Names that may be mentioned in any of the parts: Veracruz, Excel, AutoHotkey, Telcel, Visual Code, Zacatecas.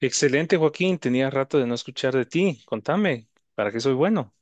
Excelente, Joaquín. Tenía rato de no escuchar de ti. Contame, ¿para qué soy bueno?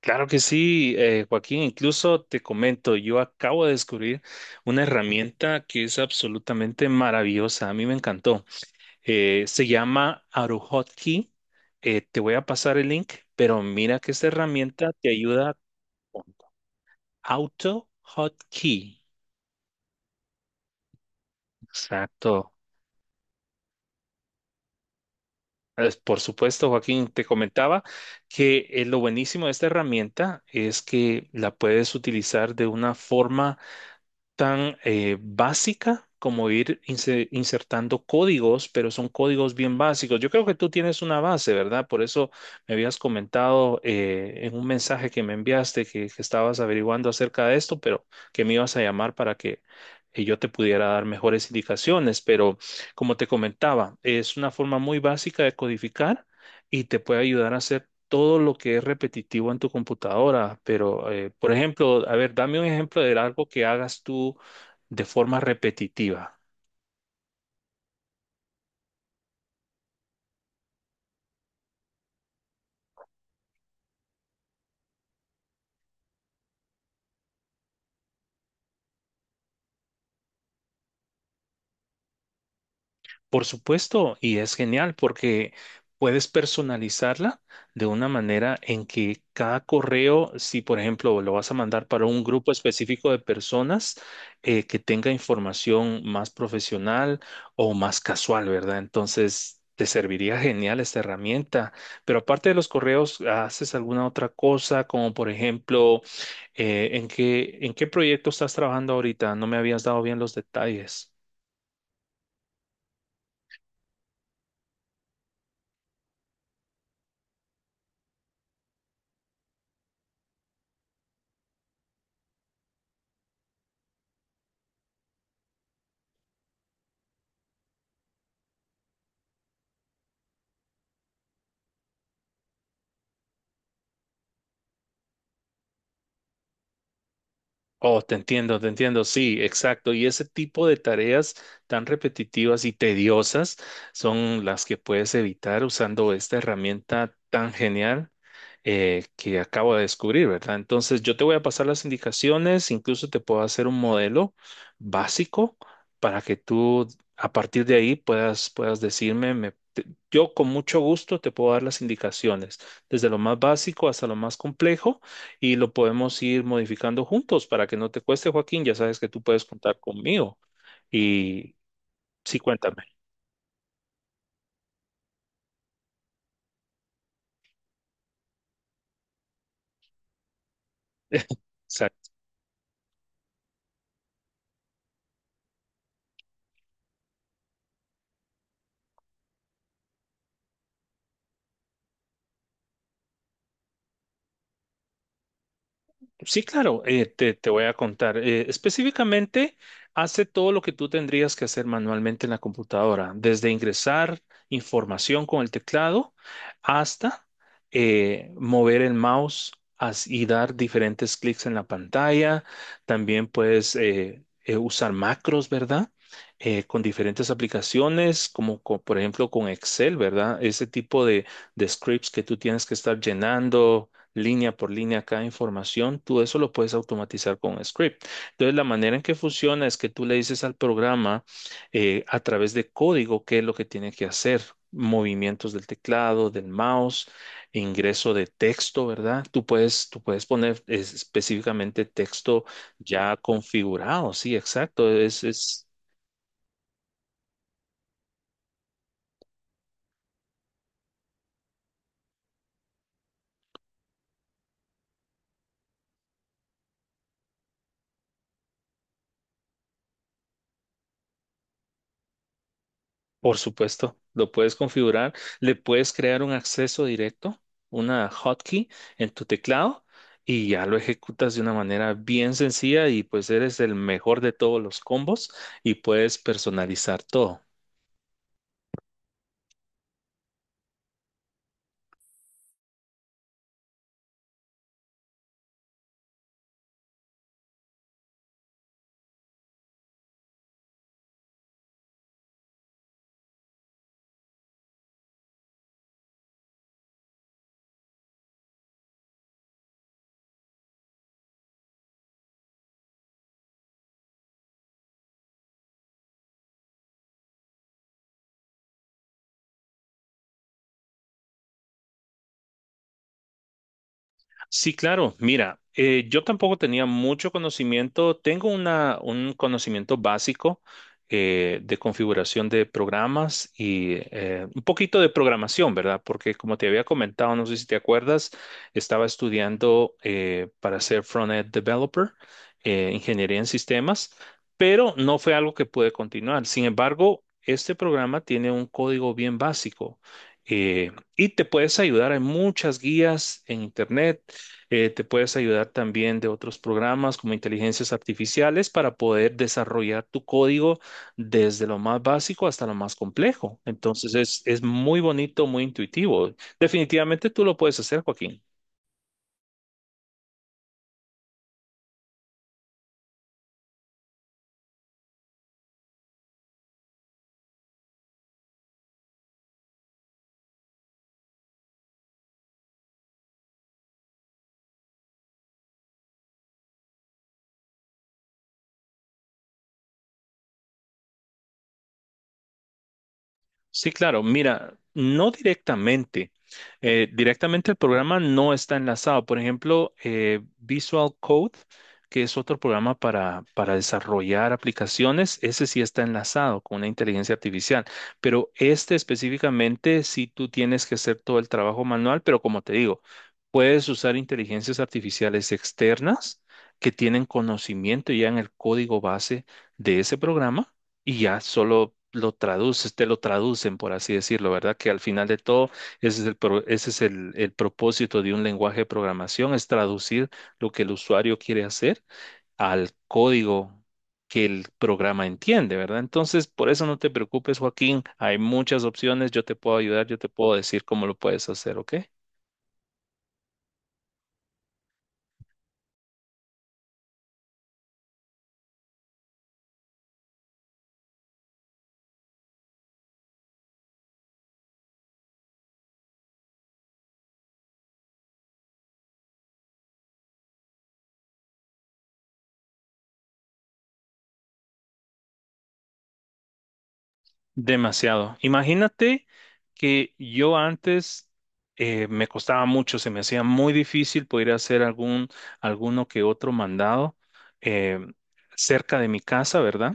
Claro que sí, Joaquín. Incluso te comento, yo acabo de descubrir una herramienta que es absolutamente maravillosa. A mí me encantó. Se llama Aruhotkey. Te voy a pasar el link, pero mira que esta herramienta te ayuda con AutoHotkey. Exacto. Pues, por supuesto, Joaquín, te comentaba que lo buenísimo de esta herramienta es que la puedes utilizar de una forma tan básica como ir insertando códigos, pero son códigos bien básicos. Yo creo que tú tienes una base, ¿verdad? Por eso me habías comentado en un mensaje que me enviaste que estabas averiguando acerca de esto, pero que me ibas a llamar para que yo te pudiera dar mejores indicaciones. Pero como te comentaba, es una forma muy básica de codificar. Y te puede ayudar a hacer todo lo que es repetitivo en tu computadora, pero, por ejemplo, a ver, dame un ejemplo de algo que hagas tú de forma repetitiva. Por supuesto, y es genial porque puedes personalizarla de una manera en que cada correo, si por ejemplo lo vas a mandar para un grupo específico de personas que tenga información más profesional o más casual, ¿verdad? Entonces te serviría genial esta herramienta, pero aparte de los correos, ¿haces alguna otra cosa? Como por ejemplo, en qué proyecto estás trabajando ahorita? No me habías dado bien los detalles. Oh, te entiendo, sí, exacto. Y ese tipo de tareas tan repetitivas y tediosas son las que puedes evitar usando esta herramienta tan genial que acabo de descubrir, ¿verdad? Entonces, yo te voy a pasar las indicaciones, incluso te puedo hacer un modelo básico para que tú a partir de ahí puedas, puedas decirme, yo con mucho gusto te puedo dar las indicaciones, desde lo más básico hasta lo más complejo y lo podemos ir modificando juntos para que no te cueste, Joaquín. Ya sabes que tú puedes contar conmigo. Y sí, cuéntame. Exacto. Sí, claro, te, te voy a contar. Específicamente, hace todo lo que tú tendrías que hacer manualmente en la computadora, desde ingresar información con el teclado hasta mover el mouse y dar diferentes clics en la pantalla. También puedes usar macros, ¿verdad? Con diferentes aplicaciones, como por ejemplo con Excel, ¿verdad? Ese tipo de scripts que tú tienes que estar llenando línea por línea cada información, tú eso lo puedes automatizar con un script. Entonces, la manera en que funciona es que tú le dices al programa a través de código qué es lo que tiene que hacer. Movimientos del teclado, del mouse, ingreso de texto, ¿verdad? Tú puedes poner específicamente texto ya configurado, sí, exacto, es por supuesto, lo puedes configurar, le puedes crear un acceso directo, una hotkey en tu teclado y ya lo ejecutas de una manera bien sencilla y pues eres el mejor de todos los combos y puedes personalizar todo. Sí, claro. Mira, yo tampoco tenía mucho conocimiento. Tengo una, un conocimiento básico de configuración de programas y un poquito de programación, ¿verdad? Porque como te había comentado, no sé si te acuerdas, estaba estudiando para ser front-end developer, ingeniería en sistemas, pero no fue algo que pude continuar. Sin embargo, este programa tiene un código bien básico. Y te puedes ayudar en muchas guías en internet, te puedes ayudar también de otros programas como inteligencias artificiales para poder desarrollar tu código desde lo más básico hasta lo más complejo. Entonces es muy bonito, muy intuitivo. Definitivamente tú lo puedes hacer, Joaquín. Sí, claro. Mira, no directamente. Directamente el programa no está enlazado. Por ejemplo, Visual Code, que es otro programa para desarrollar aplicaciones, ese sí está enlazado con una inteligencia artificial. Pero este específicamente, sí tú tienes que hacer todo el trabajo manual, pero como te digo, puedes usar inteligencias artificiales externas que tienen conocimiento ya en el código base de ese programa y ya solo lo traduces, te lo traducen, por así decirlo, ¿verdad? Que al final de todo, ese es el, ese es el propósito de un lenguaje de programación, es traducir lo que el usuario quiere hacer al código que el programa entiende, ¿verdad? Entonces, por eso no te preocupes, Joaquín, hay muchas opciones, yo te puedo ayudar, yo te puedo decir cómo lo puedes hacer, ¿ok? Demasiado. Imagínate que yo antes me costaba mucho, se me hacía muy difícil poder hacer algún, alguno que otro mandado eh, cerca de mi casa, ¿verdad?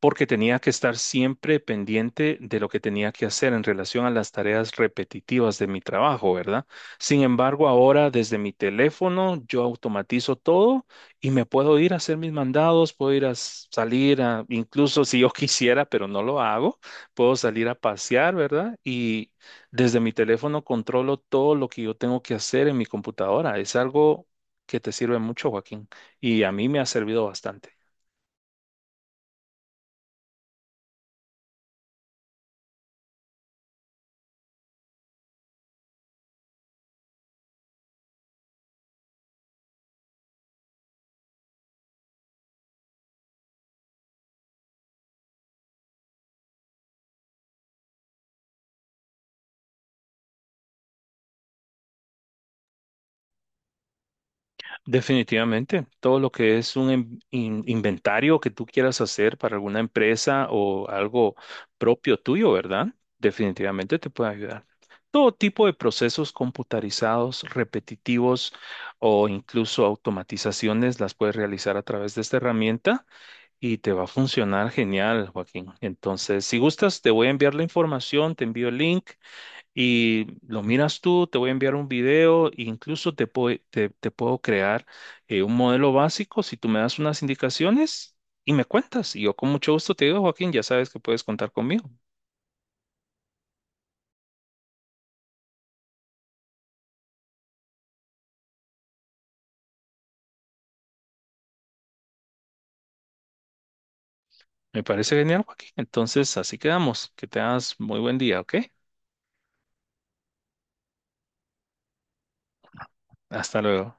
Porque tenía que estar siempre pendiente de lo que tenía que hacer en relación a las tareas repetitivas de mi trabajo, ¿verdad? Sin embargo, ahora desde mi teléfono yo automatizo todo y me puedo ir a hacer mis mandados, puedo ir a salir a, incluso si yo quisiera, pero no lo hago, puedo salir a pasear, ¿verdad? Y desde mi teléfono controlo todo lo que yo tengo que hacer en mi computadora. Es algo que te sirve mucho, Joaquín, y a mí me ha servido bastante. Definitivamente, todo lo que es un inventario que tú quieras hacer para alguna empresa o algo propio tuyo, ¿verdad? Definitivamente te puede ayudar. Todo tipo de procesos computarizados, repetitivos o incluso automatizaciones las puedes realizar a través de esta herramienta y te va a funcionar genial, Joaquín. Entonces, si gustas, te voy a enviar la información, te envío el link y lo miras tú, te voy a enviar un video, e incluso te, te puedo crear un modelo básico si tú me das unas indicaciones y me cuentas. Y yo con mucho gusto te digo, Joaquín, ya sabes que puedes contar conmigo. Me parece genial, Joaquín. Entonces, así quedamos. Que tengas muy buen día, ¿ok? Hasta luego.